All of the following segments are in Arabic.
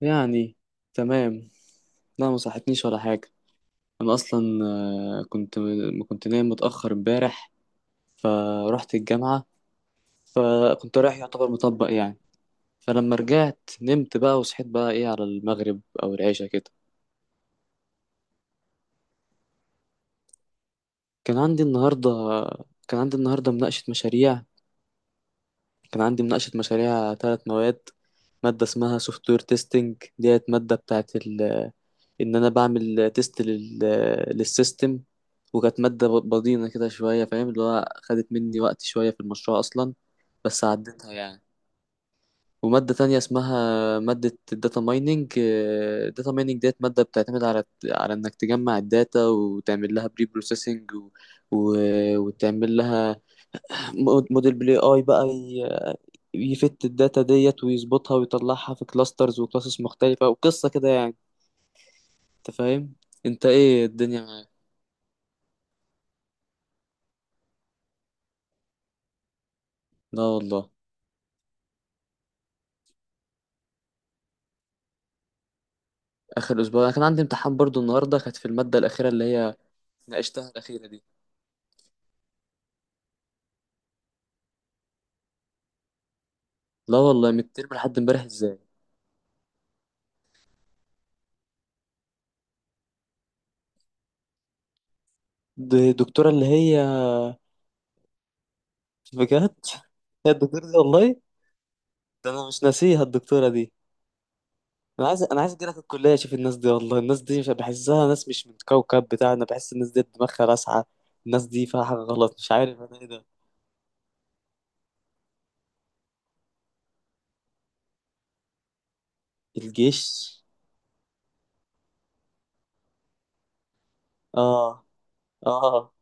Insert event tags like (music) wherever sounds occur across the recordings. يعني، تمام. لا، ما صحتنيش ولا حاجة. أنا أصلا، آه، كنت ما كنت نايم متأخر امبارح. فرحت الجامعة. فكنت رايح يعتبر مطبق، يعني. فلما رجعت نمت بقى وصحيت بقى إيه على المغرب أو العشاء كده. كان عندي النهاردة كان عندي النهاردة مناقشة مشاريع. كان عندي مناقشة مشاريع ثلاث مواد. مادة اسمها سوفت وير تيستنج، ديت مادة بتاعت ان انا بعمل تيست للسيستم. وكانت مادة بضينة كده شوية، فاهم؟ اللي هو خدت مني وقت شوية في المشروع اصلا. بس عديتها، يعني. ومادة تانية اسمها مادة الداتا مايننج. الداتا مايننج ديت مادة بتعتمد على انك تجمع الداتا وتعمل لها بري بروسيسنج و... وتعمل لها موديل بلاي اي بقى يفت الداتا ديت ويظبطها ويطلعها في كلاسترز وكلاسز مختلفة، وقصة كده، يعني. انت فاهم؟ انت، ايه الدنيا؟ لا والله. اخر اسبوع انا كان عندي امتحان برضو، النهارده كانت في الماده الاخيره اللي هي ناقشتها الاخيره دي. لا والله، من الترم لحد امبارح ازاي؟ دي الدكتوره اللي هي. بجد؟ (laughs) هي الدكتوره دي والله. ده انا مش ناسيها الدكتوره دي. انا عايز اجي لك الكليه اشوف الناس دي، والله الناس دي مش بحسها ناس، مش من الكوكب بتاعنا، بحس الناس دي دماغها لاسعه. الناس دي فيها حاجه غلط، مش عارف انا ايه ده. الجيش. اه، اه.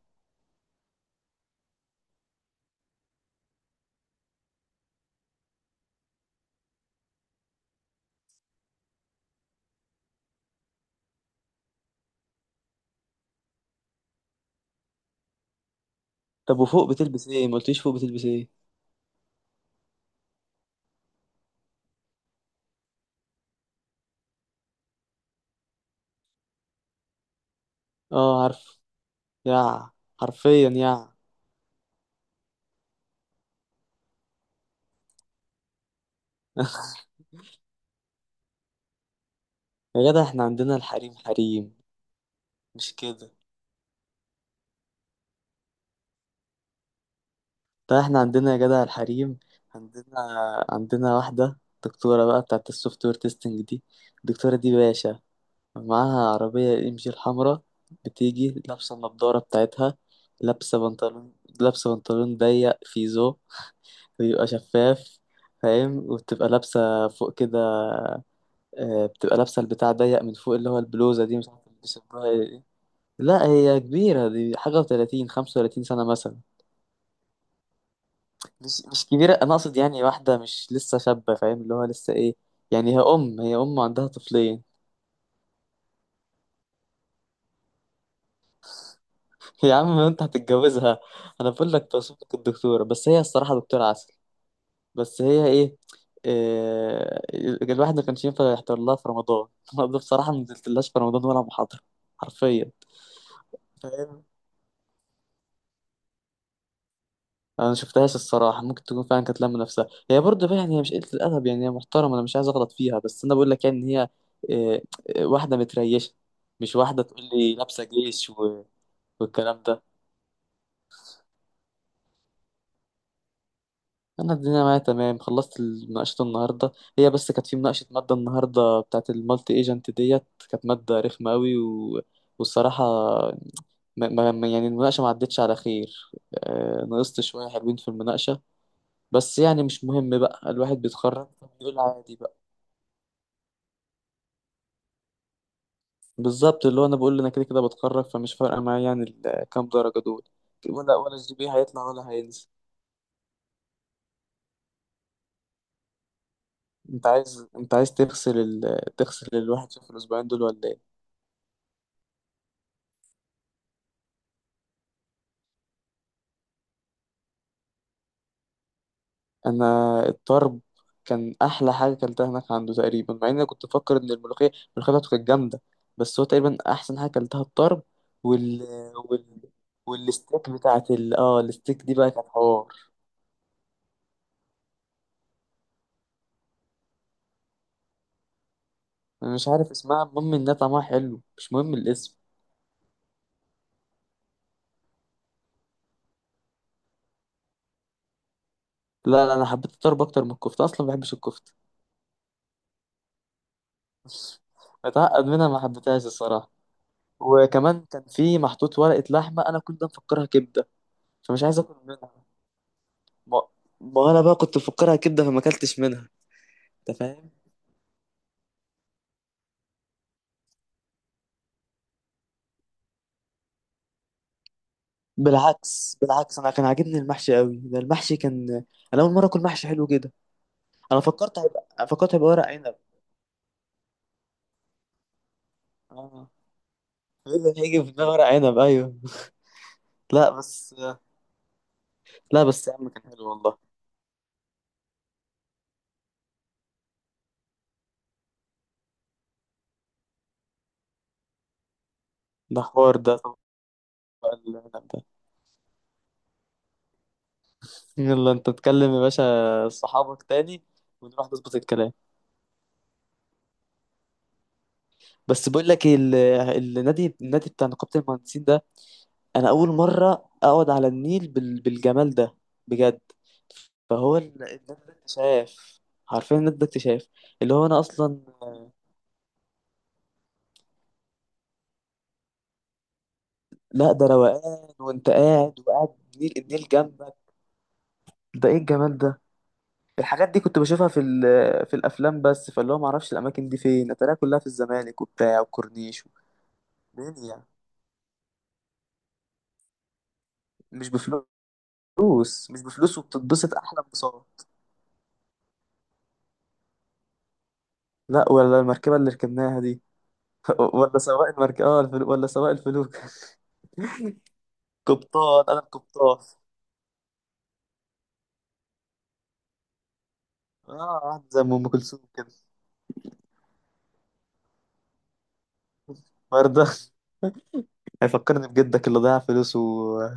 طب وفوق بتلبس ايه؟ ما قلتليش فوق بتلبس ايه. اه، عارف. يا، حرفيا يا. (laughs) يا جدع، احنا عندنا الحريم حريم. مش كده؟ طيب احنا عندنا يا جدع الحريم. عندنا عندنا واحدة، دكتورة بقى بتاعت السوفت وير تيستنج دي. الدكتورة دي باشا، معاها عربية MG الحمراء. بتيجي لابسة النضارة بتاعتها، لابسة بنطلون. لابسة بنطلون ضيق فيزو، بيبقى شفاف، فاهم؟ وبتبقى لابسة فوق كده، بتبقى لابسة البتاع ضيق من فوق، اللي هو البلوزة دي مش عارف بيسموها ايه. لا هي كبيرة، دي حاجة وتلاتين، 35 سنة مثلا. مش كبيرة، أنا أقصد يعني واحدة مش لسه شابة، فاهم؟ اللي هو لسه إيه، يعني هي أم عندها طفلين. (laughs) يا عم، ما أنت هتتجوزها. أنا بقول لك توصف لك الدكتورة، بس هي الصراحة دكتورة عسل. بس هي إيه, إيه الواحد ما كانش ينفع يحضر لها في رمضان. (laughs) أنا بصراحة ما نزلتلهاش في رمضان ولا محاضرة. حرفيا. فاهم؟ انا ما شفتهاش الصراحه، ممكن تكون فعلا كانت لامه نفسها، هي برضه بقى يعني، هي مش قله الادب، يعني هي محترمه، انا مش عايز اغلط فيها، بس انا بقول لك يعني ان هي آه، واحده متريشه. مش واحده تقول لي لابسه جيش والكلام ده. انا الدنيا معايا تمام، خلصت مناقشه النهارده. هي بس كانت في مناقشه ماده النهارده بتاعت المالتي ايجنت ديت. كانت ماده رخمه قوي والصراحه يعني المناقشه ما عدتش على خير. نقصت شويه حلوين في المناقشه. بس يعني مش مهم بقى، الواحد بيتخرج. بيقول عادي بقى. بالظبط، اللي هو انا بقول انا كده كده بتخرج، فمش فارقه معايا يعني كام درجه دول، ولا الـ GP هيطلع ولا هينزل. انت عايز تغسل تغسل الواحد في الاسبوعين دول ولا ايه. انا، الطرب كان احلى حاجه اكلتها هناك عنده تقريبا، مع ان انا كنت بفكر ان الملوخيه. الملوخيه بتاعته كانت جامده. بس هو تقريبا احسن حاجه اكلتها الطرب. وال وال والستيك بتاعت ال... اه الستيك دي بقى كانت حوار. انا مش عارف اسمها، المهم انها طعمها حلو، مش مهم الاسم. لا، لا، انا حبيت الطرب اكتر من الكفته، اصلا ما بحبش الكفته. متعقد منها، ما حبيتهاش الصراحة. وكمان كان في محطوط ورقة لحمة، أنا كنت مفكرها كبدة، فمش عايز آكل منها. ما, ما أنا بقى كنت مفكرها كبدة فما أكلتش منها. أنت فاهم؟ بالعكس، بالعكس، أنا كان عاجبني المحشي قوي ده، المحشي كان، أنا أول مرة أكل محشي حلو كده. أنا فكرت هيبقى ورق عنب. آه. إيه اللي هيجي في دماغي ورق عنب، أيوه. (laughs) لا، بس. لا، بس يا عم كان حلو والله. ده حوار ده، طب العنب ده. يلا أنت تكلم يا باشا صحابك تاني، ونروح نظبط الكلام. بس بقول لك إيه، النادي بتاع نقابة المهندسين ده، انا اول مرة اقعد على النيل بالجمال ده، بجد. فهو النادي ده اكتشاف، عارفين النادي ده اكتشاف. اللي هو انا اصلا، لا ده روقان، وانت قاعد وقاعد، النيل النيل جنبك، ده ايه الجمال ده. الحاجات دي كنت بشوفها في الافلام بس، فاللي هو ما اعرفش الاماكن دي فين، اتاريها كلها في الزمالك وبتاع وكورنيش. دنيا. مش بفلوس، مش بفلوس، وبتتبسط احلى انبساط. لا ولا المركبة اللي ركبناها دي. (laughs) ولا سواق المركبة، ولا سواق الفلوك. (laughs) قبطان، أنا القبطان. اه، قاعد زي أم كلثوم كده. وردة. (laughs) هيفكرني بجدك اللي ضيع فلوسه.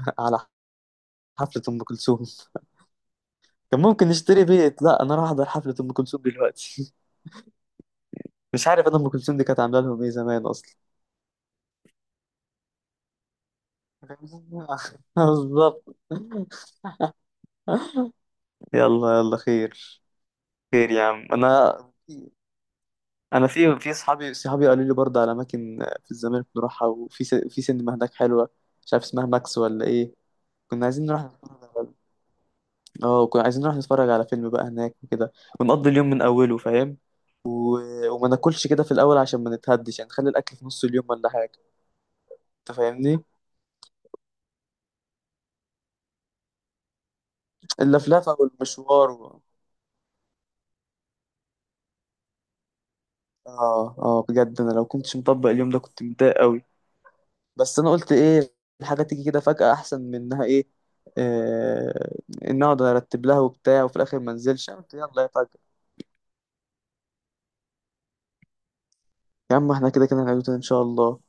(laughs) على حفلة أم كلثوم. (laughs) كان ممكن نشتري بيت، لا أنا راح أحضر حفلة أم كلثوم دلوقتي؟ (laughs) مش عارف أنا أم كلثوم دي كانت عاملة لهم إيه زمان أصلا. (laughs) بالظبط. يلا يلا خير، خير يا عم أنا. انا في صحابي، صحابي قالوا لي برضه على اماكن في الزمالك نروحها، وفي س... في سينما هناك حلوه، مش عارف اسمها ماكس ولا ايه. كنا عايزين نروح نتفرج- اه كنا عايزين نروح نتفرج على فيلم بقى هناك وكده، ونقضي اليوم من اوله، فاهم؟ و... وما ناكلش كده في الاول عشان ما نتهدش، يعني نخلي الاكل في نص اليوم ولا حاجه، انت فاهمني؟ اللفلفه والمشوار اه، اه، بجد. انا لو كنتش مطبق اليوم ده كنت متضايق قوي. بس انا قلت ايه، الحاجه تيجي كده فجأة احسن من انها ايه، آه ان اقعد ارتب لها وبتاع وفي الاخر ما انزلش. أنا قلت يلا يا فجأة. يا عم، احنا كده كده هنعمله تاني ان شاء الله.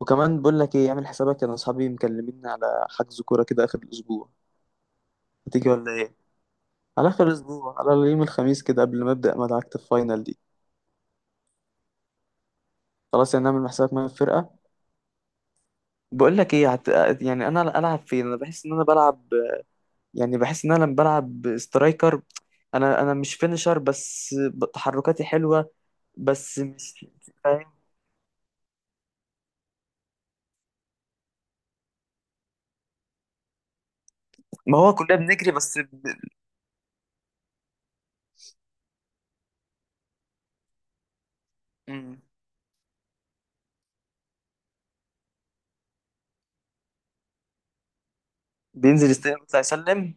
وكمان بقول لك ايه، اعمل حسابك، انا اصحابي مكلميني على حجز كوره كده اخر الاسبوع، هتيجي ولا ايه؟ على اخر الاسبوع على يوم الخميس كده قبل ما ابدا مدعكه الفاينل دي. خلاص يعني نعمل حسابك معايا في الفرقه. بقول لك ايه يعني انا العب فين، انا بحس ان انا بلعب، يعني بحس ان انا لما بلعب سترايكر، انا مش فينشر، بس تحركاتي حلوه. بس مش فاهم. ما هو كلنا بنجري بس مم. بينزل يستلم يطلع يسلم.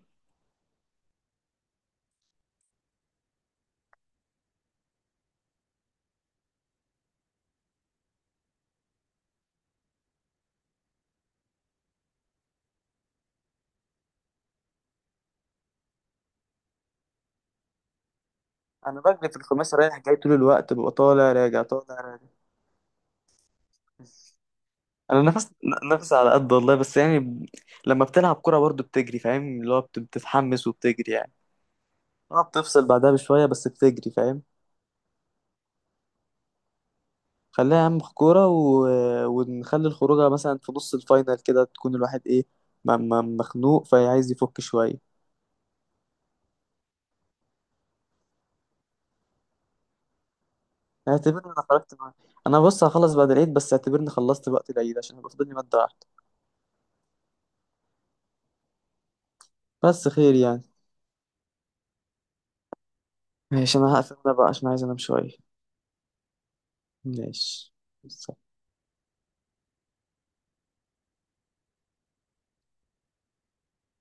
انا بجري في الخماسي رايح جاي طول الوقت، ببقى طالع راجع طالع راجع. انا نفس، نفس على قد والله، بس يعني لما بتلعب كرة برضو بتجري، فاهم؟ اللي هو بتتحمس وبتجري، يعني. اه بتفصل بعدها بشويه بس بتجري، فاهم؟ خليها اهم في كوره ونخلي الخروجه مثلا في نص الفاينل كده، تكون الواحد ايه، مخنوق فعايز يفك شويه. اعتبرني انا خرجت معاك. انا بص، هخلص بعد العيد، بس اعتبرني خلصت وقت العيد، عشان هيبقى فاضل لي ماده واحده. بس خير يعني. ماشي، انا هقفل انا بقى عشان عايز انام شويه. ماشي.